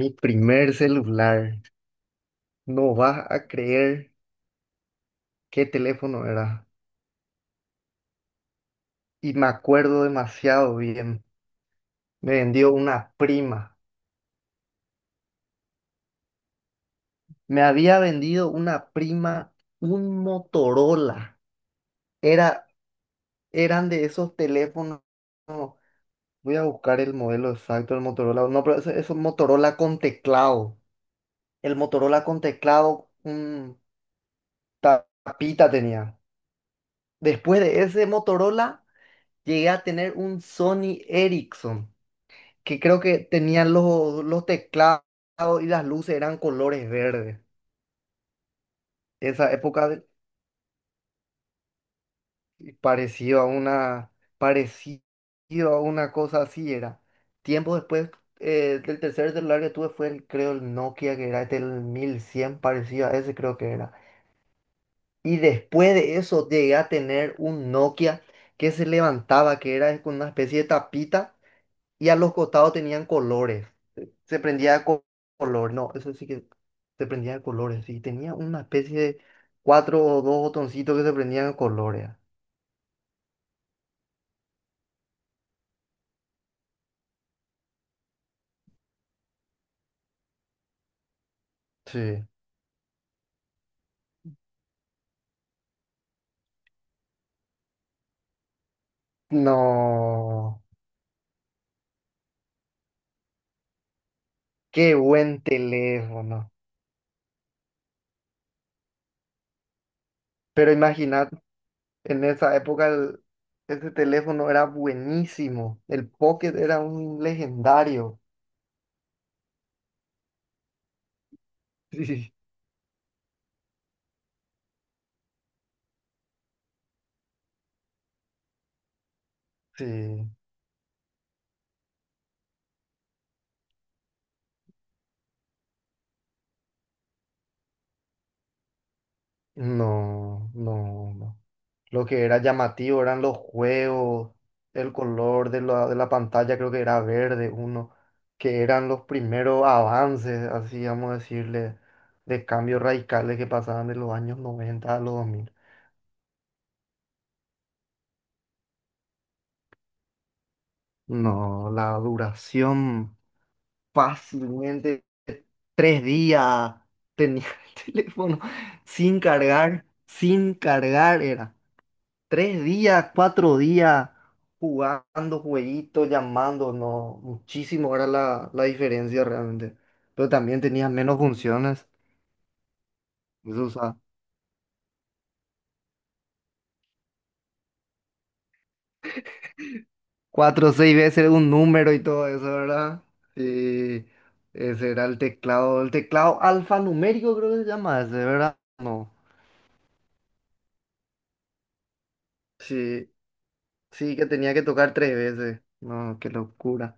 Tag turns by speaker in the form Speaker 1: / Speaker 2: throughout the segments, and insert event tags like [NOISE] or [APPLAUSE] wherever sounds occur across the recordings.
Speaker 1: Mi primer celular. No vas a creer qué teléfono era. Y me acuerdo demasiado bien. Me vendió una prima. Me había vendido una prima un Motorola. Era, eran de esos teléfonos. Voy a buscar el modelo exacto del Motorola. No, pero eso es un Motorola con teclado. El Motorola con teclado, un tapita tenía. Después de ese Motorola, llegué a tener un Sony Ericsson, que creo que tenían los teclados y las luces eran colores verdes. Esa época de- pareció a una, parecido a una cosa así era. Tiempo después del tercer celular que tuve fue el, creo el Nokia que era este, el 1100, parecido a ese creo que era. Y después de eso llegué a tener un Nokia que se levantaba, que era con una especie de tapita y a los costados tenían colores. Se prendía de co- color, no, eso sí que se prendía de colores. Y tenía una especie de cuatro o dos botoncitos que se prendían de colores. Sí. No, qué buen teléfono. Pero imaginad, en esa época el- ese teléfono era buenísimo. El Pocket era un legendario. [LAUGHS] Sí, sí. No, no, no. Lo que era llamativo eran los juegos, el color de la pantalla creo que era verde uno, que eran los primeros avances, así vamos a decirle, de cambios radicales que pasaban de los años noventa a los 2000. No, la duración fácilmente tres días tenía el [LAUGHS] teléfono sin cargar, sin cargar era. Tres días, cuatro días jugando jueguitos, llamando, no, muchísimo era la diferencia realmente. Pero también tenías menos funciones. Eso, o sea, cuatro o seis veces un número y todo eso, ¿verdad? Y ese era el teclado alfanumérico creo que se llama ese, ¿verdad? No. Sí, sí, que tenía que tocar tres veces. No, qué locura.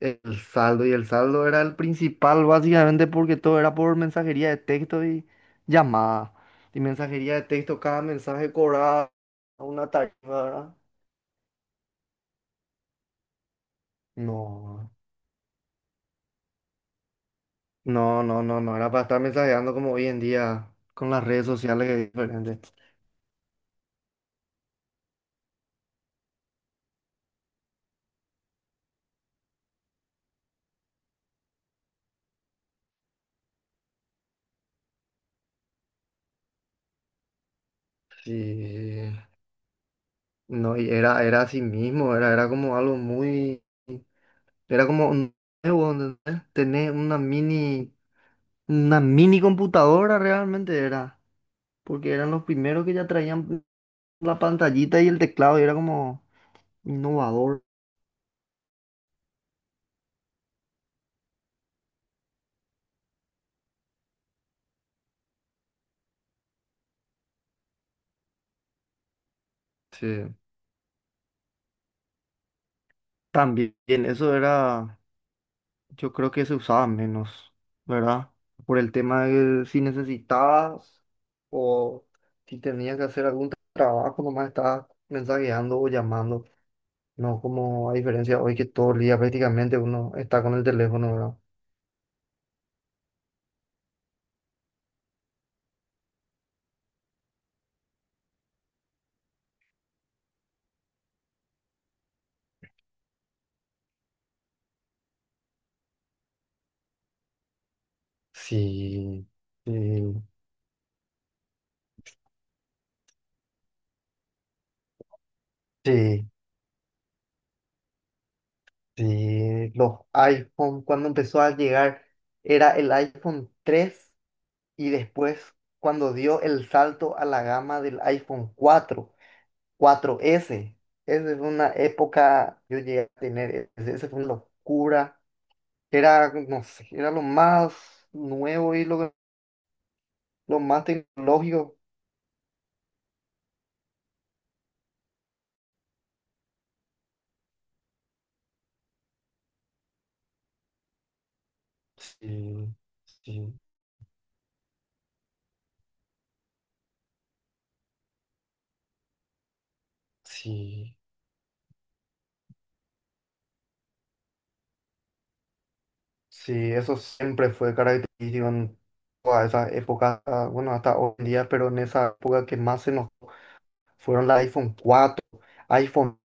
Speaker 1: El saldo y el saldo era el principal básicamente porque todo era por mensajería de texto y llamada. Y mensajería de texto, cada mensaje cobraba una tarifa, ¿verdad? No, no, no, no era para estar mensajeando como hoy en día con las redes sociales que es diferente. Sí, no, y era, era así mismo, era, era como algo muy, era como un nuevo, ¿entendés? Tener una mini computadora realmente era, porque eran los primeros que ya traían la pantallita y el teclado y era como innovador. Sí, también eso era, yo creo que se usaba menos, ¿verdad? Por el tema de si necesitabas o si tenías que hacer algún trabajo, nomás estabas mensajeando o llamando. No como a diferencia hoy que todo el día prácticamente uno está con el teléfono, ¿verdad? Sí, sí, sí, sí. Los iPhone, cuando empezó a llegar, era el iPhone tres y después cuando dio el salto a la gama del iPhone cuatro, cuatro s. Esa es una época, yo llegué a tener, e-, ese- esa fue una locura. Era, no sé, era lo más nuevo y lo más tecnológico. Sí, sí, sí, sí, eso siempre fue característico en toda esa época, ah, bueno, hasta hoy en día, pero en esa época que más se nos fueron la iPhone cuatro, iPhone,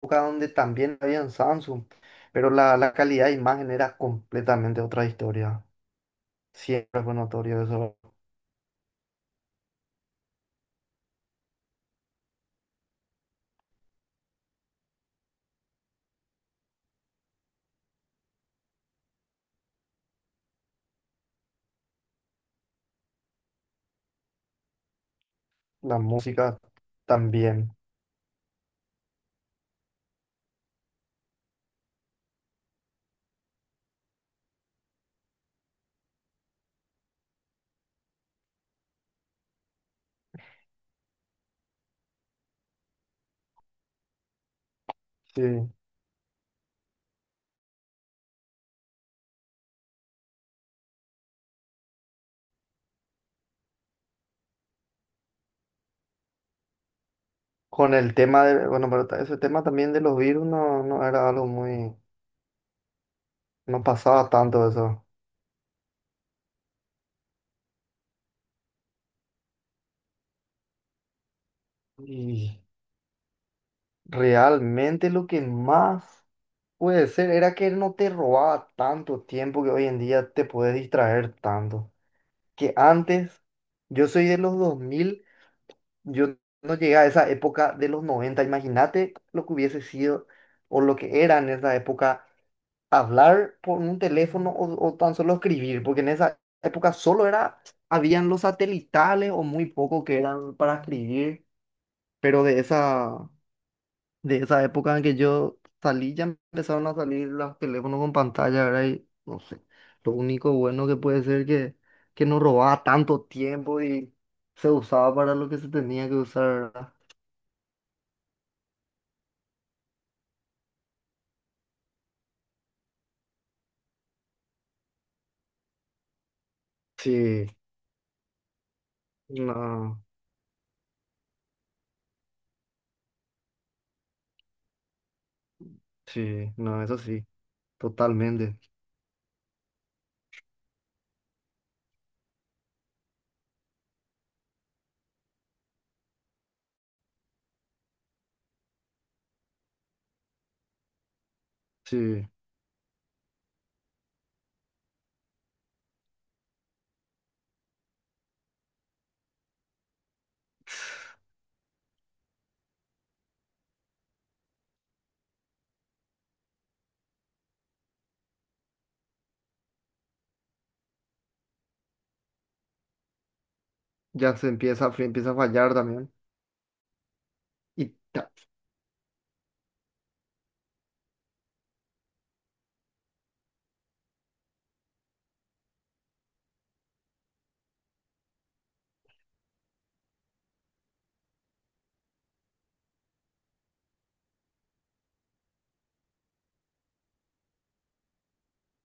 Speaker 1: época donde también había en Samsung, pero la calidad de imagen era completamente otra historia. Siempre fue notorio eso. La música también. Sí. Con el tema de, bueno, pero ta- ese tema también de los virus no, no era algo muy, no pasaba tanto eso. Y realmente lo que más puede ser era que no te robaba tanto tiempo que hoy en día te puedes distraer tanto. Que antes, yo soy de los dos mil. Yo no llegué a esa época de los noventa, imagínate lo que hubiese sido o lo que era en esa época hablar por un teléfono o tan solo escribir, porque en esa época solo era, habían los satelitales o muy poco que eran para escribir, pero de esa época en que yo salí ya empezaron a salir los teléfonos con pantalla, ¿verdad? Y no sé, lo único bueno que puede ser que no robaba tanto tiempo y se usaba para lo que se tenía que usar, ¿verdad? Sí, no, sí, no, eso sí, totalmente, sí, ya se empieza, a fri- empieza a fallar también. Y ta-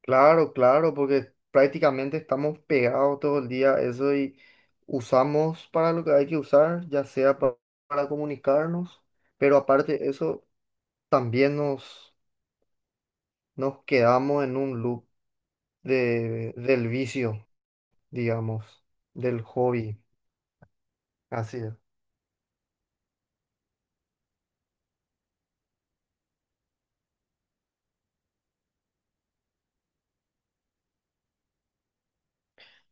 Speaker 1: claro, claro, porque prácticamente estamos pegados todo el día a eso y usamos para lo que hay que usar, ya sea pa- para, comunicarnos, pero aparte de eso, también nos, nos quedamos en un loop de, del vicio, digamos, del hobby. Así es,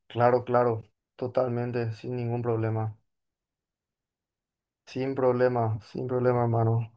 Speaker 1: claro, claro, totalmente, sin ningún problema. Sin problema, sin problema, hermano.